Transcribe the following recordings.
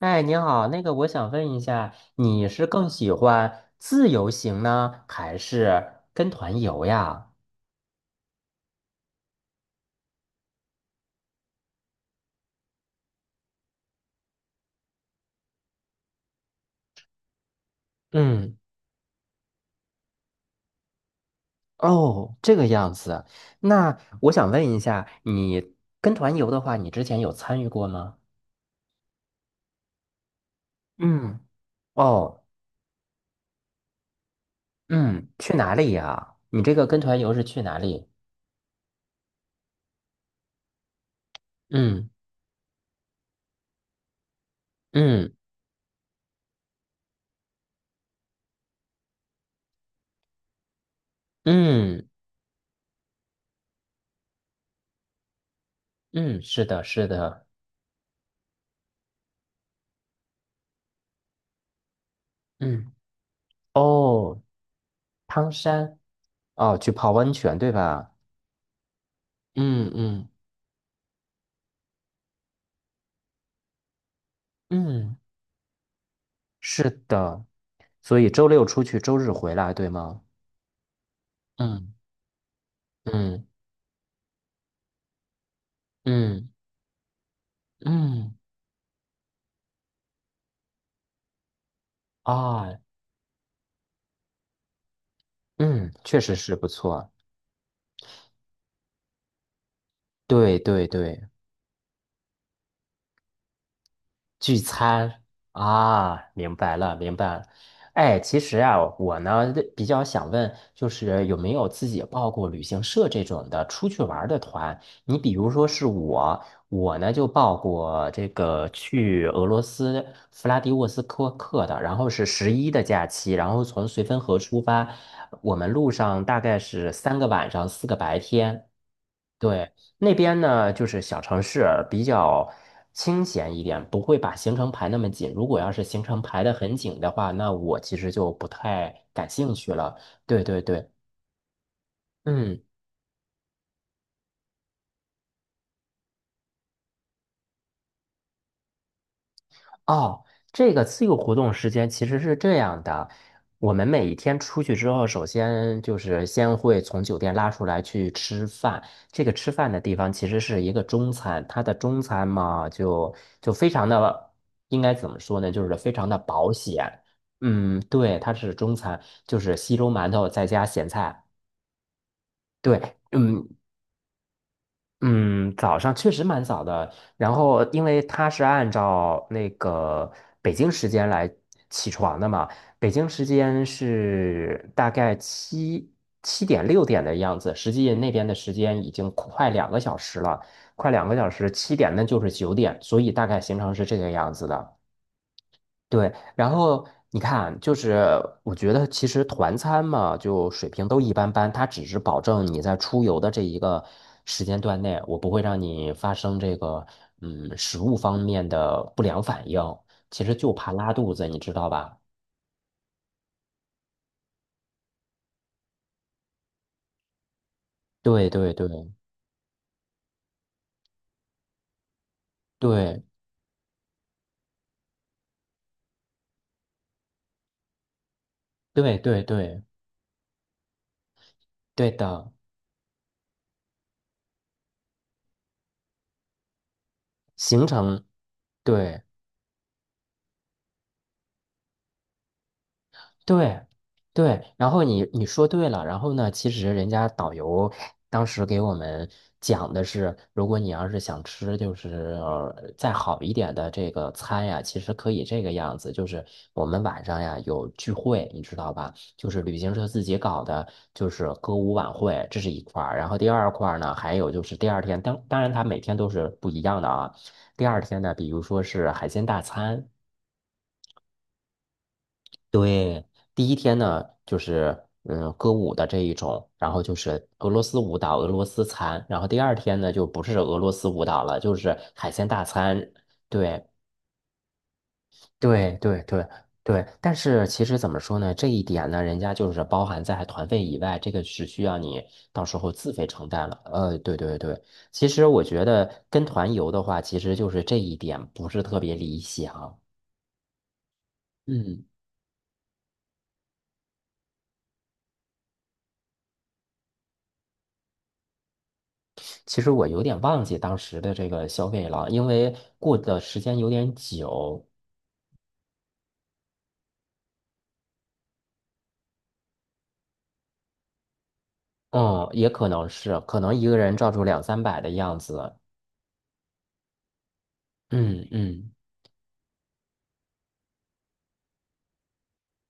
哎，你好，那个我想问一下，你是更喜欢自由行呢，还是跟团游呀？嗯。哦，这个样子。那我想问一下，你跟团游的话，你之前有参与过吗？嗯。哦。嗯，去哪里呀？你这个跟团游是去哪里？嗯嗯嗯嗯，是的，是的。嗯。哦。汤山。哦，去泡温泉，对吧？嗯嗯嗯。是的，所以周六出去，周日回来，对吗？嗯嗯嗯嗯啊。嗯，确实是不错。对对对，聚餐。啊，明白了，明白了。哎，其实啊，我呢比较想问，就是有没有自己报过旅行社这种的出去玩儿的团？你比如说是我，我呢就报过这个去俄罗斯弗拉迪沃斯托克的，然后是11的假期，然后从绥芬河出发，我们路上大概是3个晚上，4个白天。对，那边呢，就是小城市比较清闲一点，不会把行程排那么紧。如果要是行程排得很紧的话，那我其实就不太感兴趣了。对对对。嗯。哦，这个自由活动时间其实是这样的，我们每一天出去之后，首先就是先会从酒店拉出来去吃饭。这个吃饭的地方其实是一个中餐，它的中餐嘛，就非常的，应该怎么说呢？就是非常的保险。嗯，对，它是中餐，就是稀粥馒头再加咸菜。对。嗯。嗯，早上确实蛮早的。然后，因为他是按照那个北京时间来起床的嘛，北京时间是大概七点6点的样子，实际那边的时间已经快两个小时了，快两个小时，七点那就是9点，所以大概行程是这个样子的。对，然后你看，就是我觉得其实团餐嘛，就水平都一般般，它只是保证你在出游的这一个时间段内，我不会让你发生这个食物方面的不良反应，其实就怕拉肚子，你知道吧？对对对对对对对对的行程，对。对，对，然后你你说对了，然后呢，其实人家导游当时给我们讲的是，如果你要是想吃就是再好一点的这个餐呀，其实可以这个样子，就是我们晚上呀有聚会，你知道吧？就是旅行社自己搞的，就是歌舞晚会，这是一块儿，然后第二块儿呢，还有就是第二天，当然它每天都是不一样的啊，第二天呢，比如说是海鲜大餐。对，第一天呢，就是歌舞的这一种，然后就是俄罗斯舞蹈、俄罗斯餐，然后第二天呢就不是俄罗斯舞蹈了，就是海鲜大餐。对，对，对，对，对。但是其实怎么说呢，这一点呢，人家就是包含在团费以外，这个是需要你到时候自费承担了。对，对，对。其实我觉得跟团游的话，其实就是这一点不是特别理想。嗯。其实我有点忘记当时的这个消费了，因为过的时间有点久。嗯，也可能是，可能一个人照住两三百的样子。嗯嗯，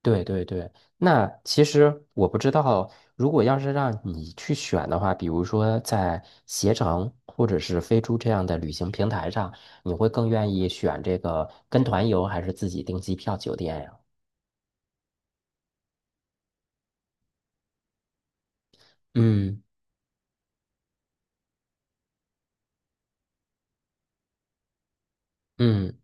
对对对。那其实我不知道，如果要是让你去选的话，比如说在携程或者是飞猪这样的旅行平台上，你会更愿意选这个跟团游还是自己订机票酒店呀？嗯嗯，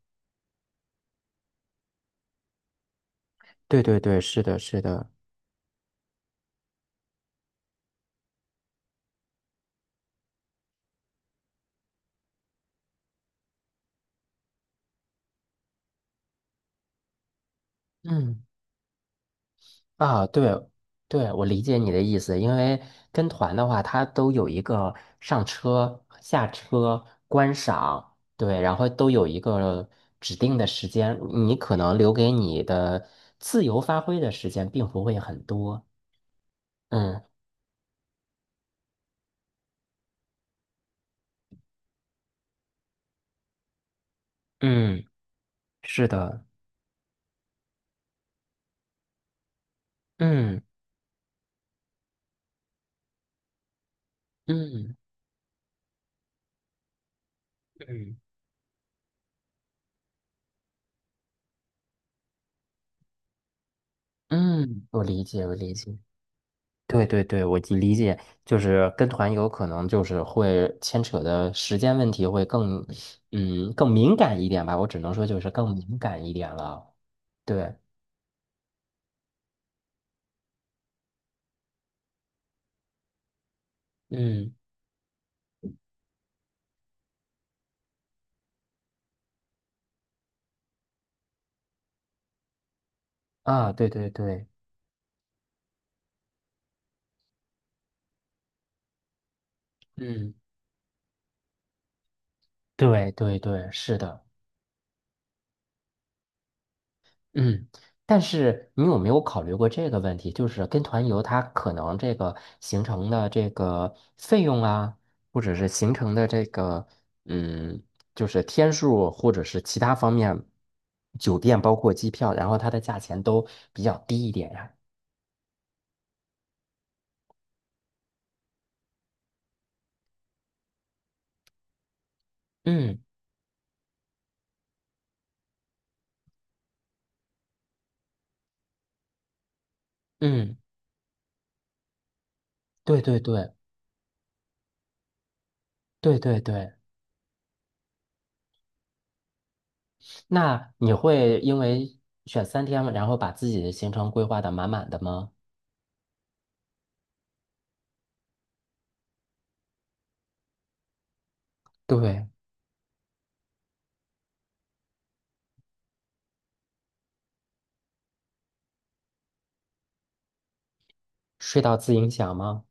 对对对，是的，是的。嗯。啊，对，对，我理解你的意思，因为跟团的话，它都有一个上车、下车、观赏，对，然后都有一个指定的时间，你可能留给你的自由发挥的时间并不会很多。嗯嗯，是的，嗯嗯嗯嗯，我理解，我理解。对对对，我就理解，就是跟团游可能就是会牵扯的时间问题会更，嗯，更敏感一点吧。我只能说就是更敏感一点了。对。嗯。啊，对对对。嗯，对对对，是的。嗯，但是你有没有考虑过这个问题？就是跟团游，它可能这个行程的这个费用啊，或者是行程的这个嗯，就是天数，或者是其他方面，酒店包括机票，然后它的价钱都比较低一点呀。嗯嗯，对对对对对对。那你会因为选3天，然后把自己的行程规划的满满的吗？对，睡到自影响吗？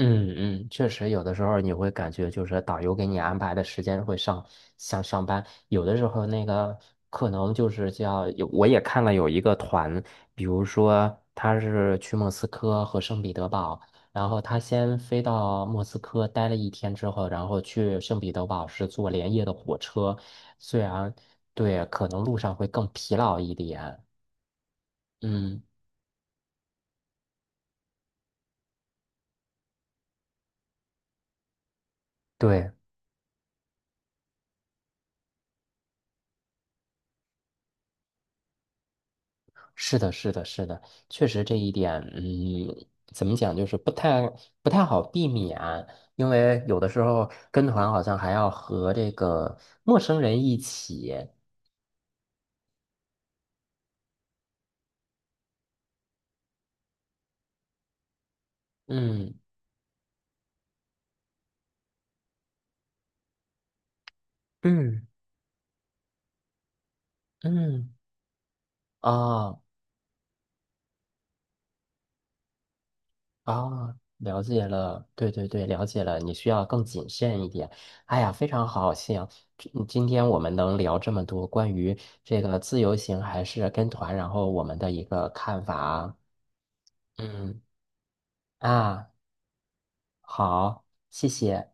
嗯嗯，确实，有的时候你会感觉就是导游给你安排的时间会上像上班，有的时候那个可能就是叫有，我也看了有一个团，比如说他是去莫斯科和圣彼得堡，然后他先飞到莫斯科待了一天之后，然后去圣彼得堡是坐连夜的火车，虽然对可能路上会更疲劳一点。嗯，对。是的，是的，是的，确实这一点。嗯，怎么讲，就是不太好避免，因为有的时候跟团好像还要和这个陌生人一起，嗯嗯嗯，啊啊，了解了，对对对，了解了，你需要更谨慎一点。哎呀，非常好笑，今天我们能聊这么多关于这个自由行还是跟团，然后我们的一个看法啊，嗯啊。好，谢谢。